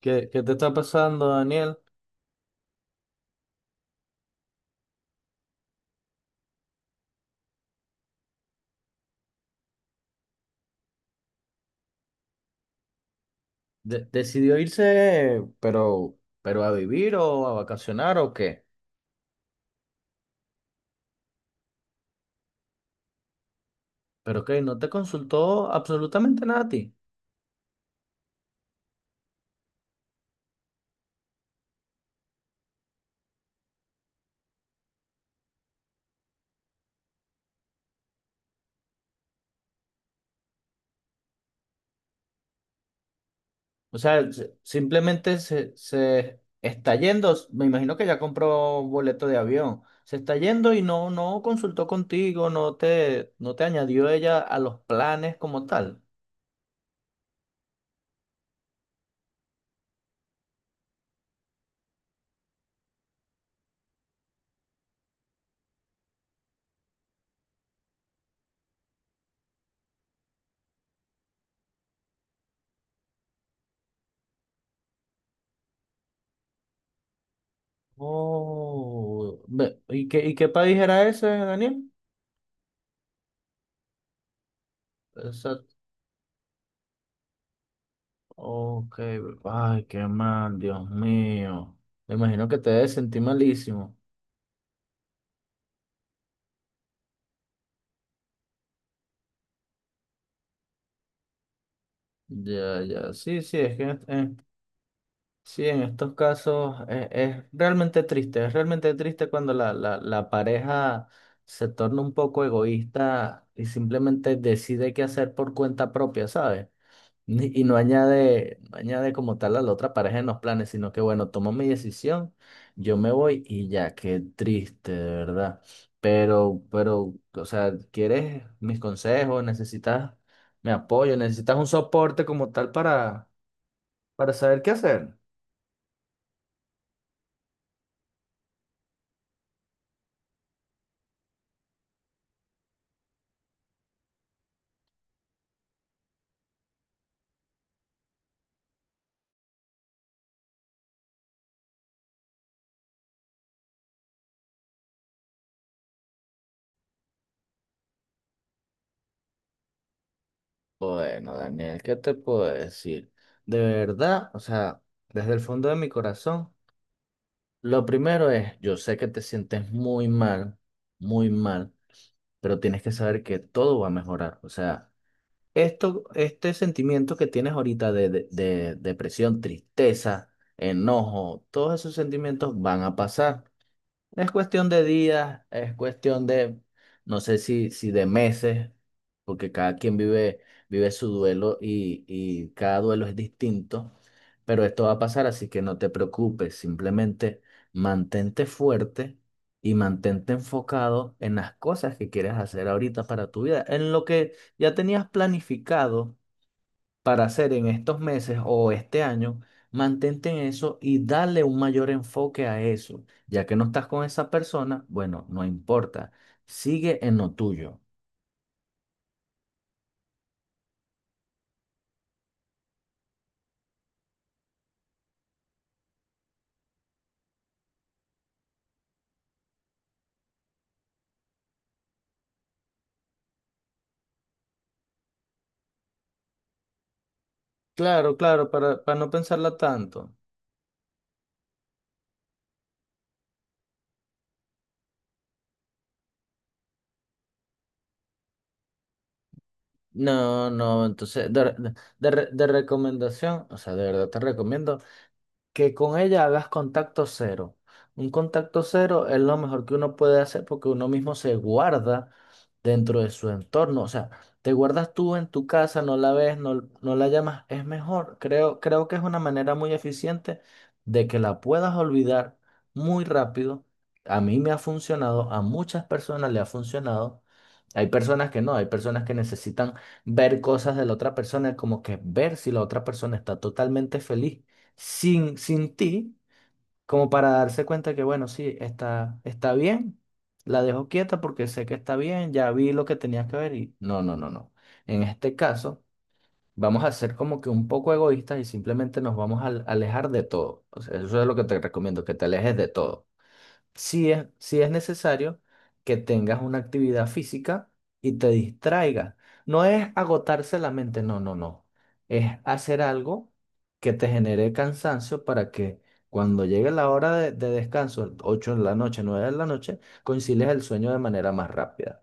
¿Qué te está pasando, Daniel? ¿Decidió irse, pero a vivir o a vacacionar o qué? Pero que no te consultó absolutamente nada a ti. O sea, simplemente se está yendo. Me imagino que ya compró boleto de avión. Se está yendo y no consultó contigo, no te añadió ella a los planes como tal. Oh, ¿y qué país era ese, Daniel? Ok, ay, qué mal, Dios mío. Me imagino que te debes sentir malísimo. Ya, ya, sí, sí, es que sí, en estos casos es realmente triste cuando la pareja se torna un poco egoísta y simplemente decide qué hacer por cuenta propia, ¿sabes? Y no añade como tal a la otra pareja en los planes, sino que bueno, tomo mi decisión, yo me voy y ya, qué triste, de verdad. Pero, o sea, ¿quieres mis consejos? ¿Necesitas mi apoyo? ¿Necesitas un soporte como tal para saber qué hacer? Bueno, Daniel, ¿qué te puedo decir? De verdad, o sea, desde el fondo de mi corazón, lo primero es, yo sé que te sientes muy mal, muy mal. Pero tienes que saber que todo va a mejorar. O sea, este sentimiento que tienes ahorita de depresión, tristeza, enojo, todos esos sentimientos van a pasar. Es cuestión de días, es cuestión de, no sé si de meses, porque cada quien vive su duelo y cada duelo es distinto, pero esto va a pasar, así que no te preocupes, simplemente mantente fuerte y mantente enfocado en las cosas que quieres hacer ahorita para tu vida, en lo que ya tenías planificado para hacer en estos meses o este año, mantente en eso y dale un mayor enfoque a eso. Ya que no estás con esa persona, bueno, no importa, sigue en lo tuyo. Claro, claro, para no pensarla tanto. No, no, entonces, de recomendación, o sea, de verdad te recomiendo que con ella hagas contacto cero. Un contacto cero es lo mejor que uno puede hacer porque uno mismo se guarda dentro de su entorno. O sea, te guardas tú en tu casa, no la ves, no la llamas, es mejor. Creo que es una manera muy eficiente de que la puedas olvidar muy rápido. A mí me ha funcionado, a muchas personas le ha funcionado. Hay personas que no, hay personas que necesitan ver cosas de la otra persona, como que ver si la otra persona está totalmente feliz sin ti como para darse cuenta que, bueno, sí, está bien, la dejo quieta porque sé que está bien, ya vi lo que tenía que ver y no, no, no, no. En este caso, vamos a ser como que un poco egoístas y simplemente nos vamos a alejar de todo. O sea, eso es lo que te recomiendo, que te alejes de todo si es, sí es necesario que tengas una actividad física y te distraigas. No es agotarse la mente, no, no, no. Es hacer algo que te genere cansancio para que cuando llegue la hora de descanso, 8 de la noche, 9 de la noche, concilies el sueño de manera más rápida.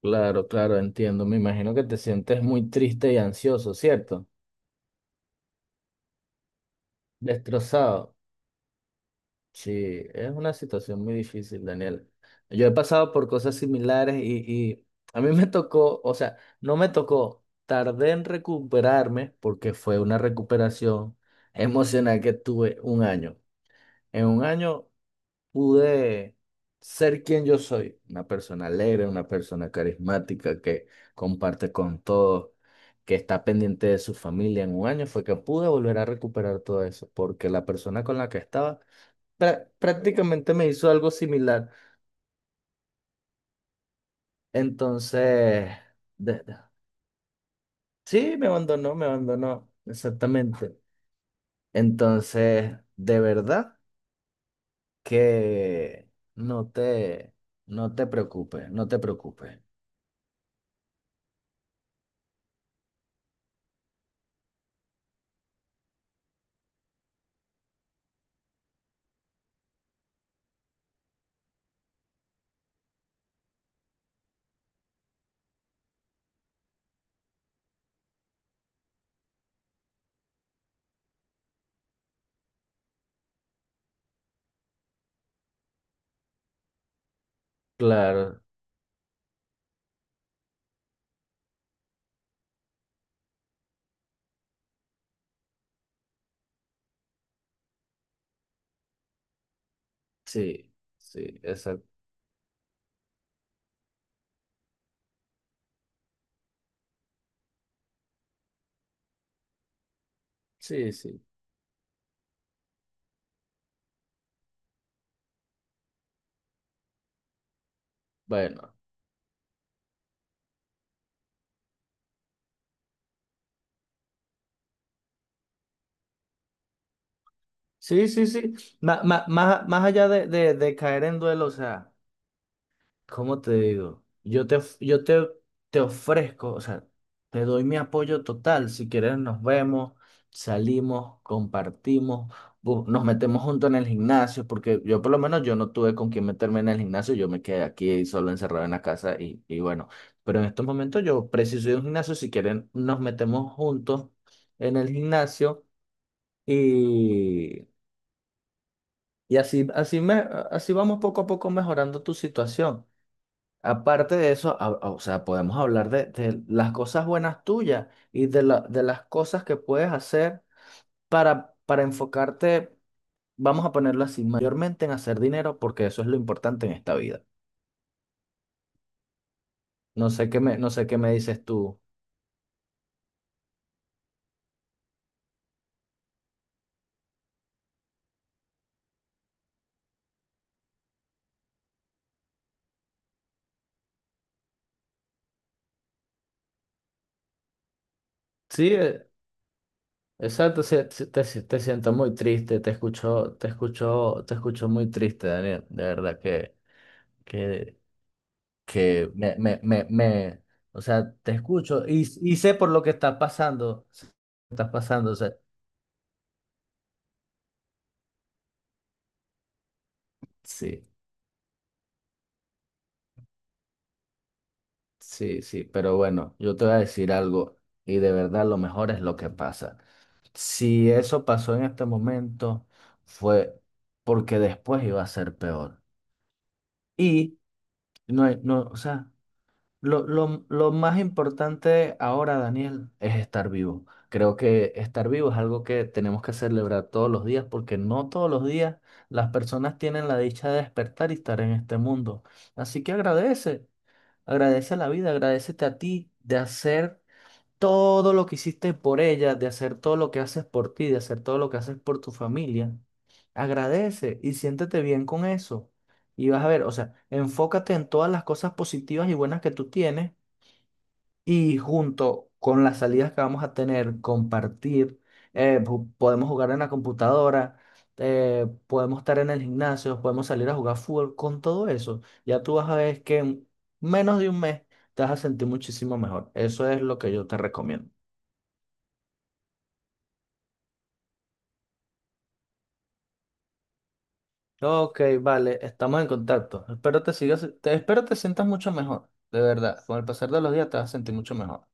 Claro, claro, entiendo. Me imagino que te sientes muy triste y ansioso, ¿cierto? Destrozado. Sí, es una situación muy difícil, Daniel. Yo he pasado por cosas similares y a mí me tocó, o sea, no me tocó, tardé en recuperarme porque fue una recuperación emocional que tuve un año. En un año pude ser quien yo soy, una persona alegre, una persona carismática que comparte con todos, que está pendiente de su familia. En un año fue que pude volver a recuperar todo eso porque la persona con la que estaba prácticamente me hizo algo similar. Entonces, de- de- sí, me abandonó, exactamente. Entonces, de verdad que no te, no te preocupes, no te preocupes. Claro, sí, sí, exacto. Sí, sí, bueno. Sí, sí, sí. Más allá de caer en duelo, o sea. ¿Cómo te digo? Yo te, of- yo te, te ofrezco, o sea, te doy mi apoyo total. Si quieres, nos vemos, salimos, compartimos, nos metemos juntos en el gimnasio, porque yo por lo menos yo no tuve con quién meterme en el gimnasio, yo me quedé aquí solo encerrado en la casa y bueno, pero en estos momentos yo preciso de un gimnasio, si quieren, nos metemos juntos en el gimnasio y, y así vamos poco a poco mejorando tu situación. Aparte de eso, o sea, podemos hablar de las cosas buenas tuyas y de las cosas que puedes hacer para enfocarte, vamos a ponerlo así, mayormente en hacer dinero, porque eso es lo importante en esta vida. No sé qué me dices tú. Sí, exacto, sí, sí, te, si- te siento muy triste, te escucho, te escucho, te escucho muy triste, Daniel. De verdad que que o sea, te escucho y sé por lo que estás pasando, sé lo que estás pasando, o sea, sí, sí, sí, pero bueno, yo te voy a decir algo y de verdad lo mejor es lo que pasa. Si eso pasó en este momento, fue porque después iba a ser peor. Y no hay, no, o sea, lo más importante ahora, Daniel, es estar vivo. Creo que estar vivo es algo que tenemos que celebrar todos los días porque no todos los días las personas tienen la dicha de despertar y estar en este mundo. Así que agradece, agradece la vida, agradecete a ti de hacer todo lo que hiciste por ella, de hacer todo lo que haces por ti, de hacer todo lo que haces por tu familia. Agradece y siéntete bien con eso. Y vas a ver, o sea, enfócate en todas las cosas positivas y buenas que tú tienes y junto con las salidas que vamos a tener, compartir, podemos jugar en la computadora, podemos estar en el gimnasio, podemos salir a jugar fútbol, con todo eso, ya tú vas a ver que en menos de un mes te vas a sentir muchísimo mejor. Eso es lo que yo te recomiendo. Ok, vale, estamos en contacto. Espero te sientas mucho mejor, de verdad. Con el pasar de los días te vas a sentir mucho mejor.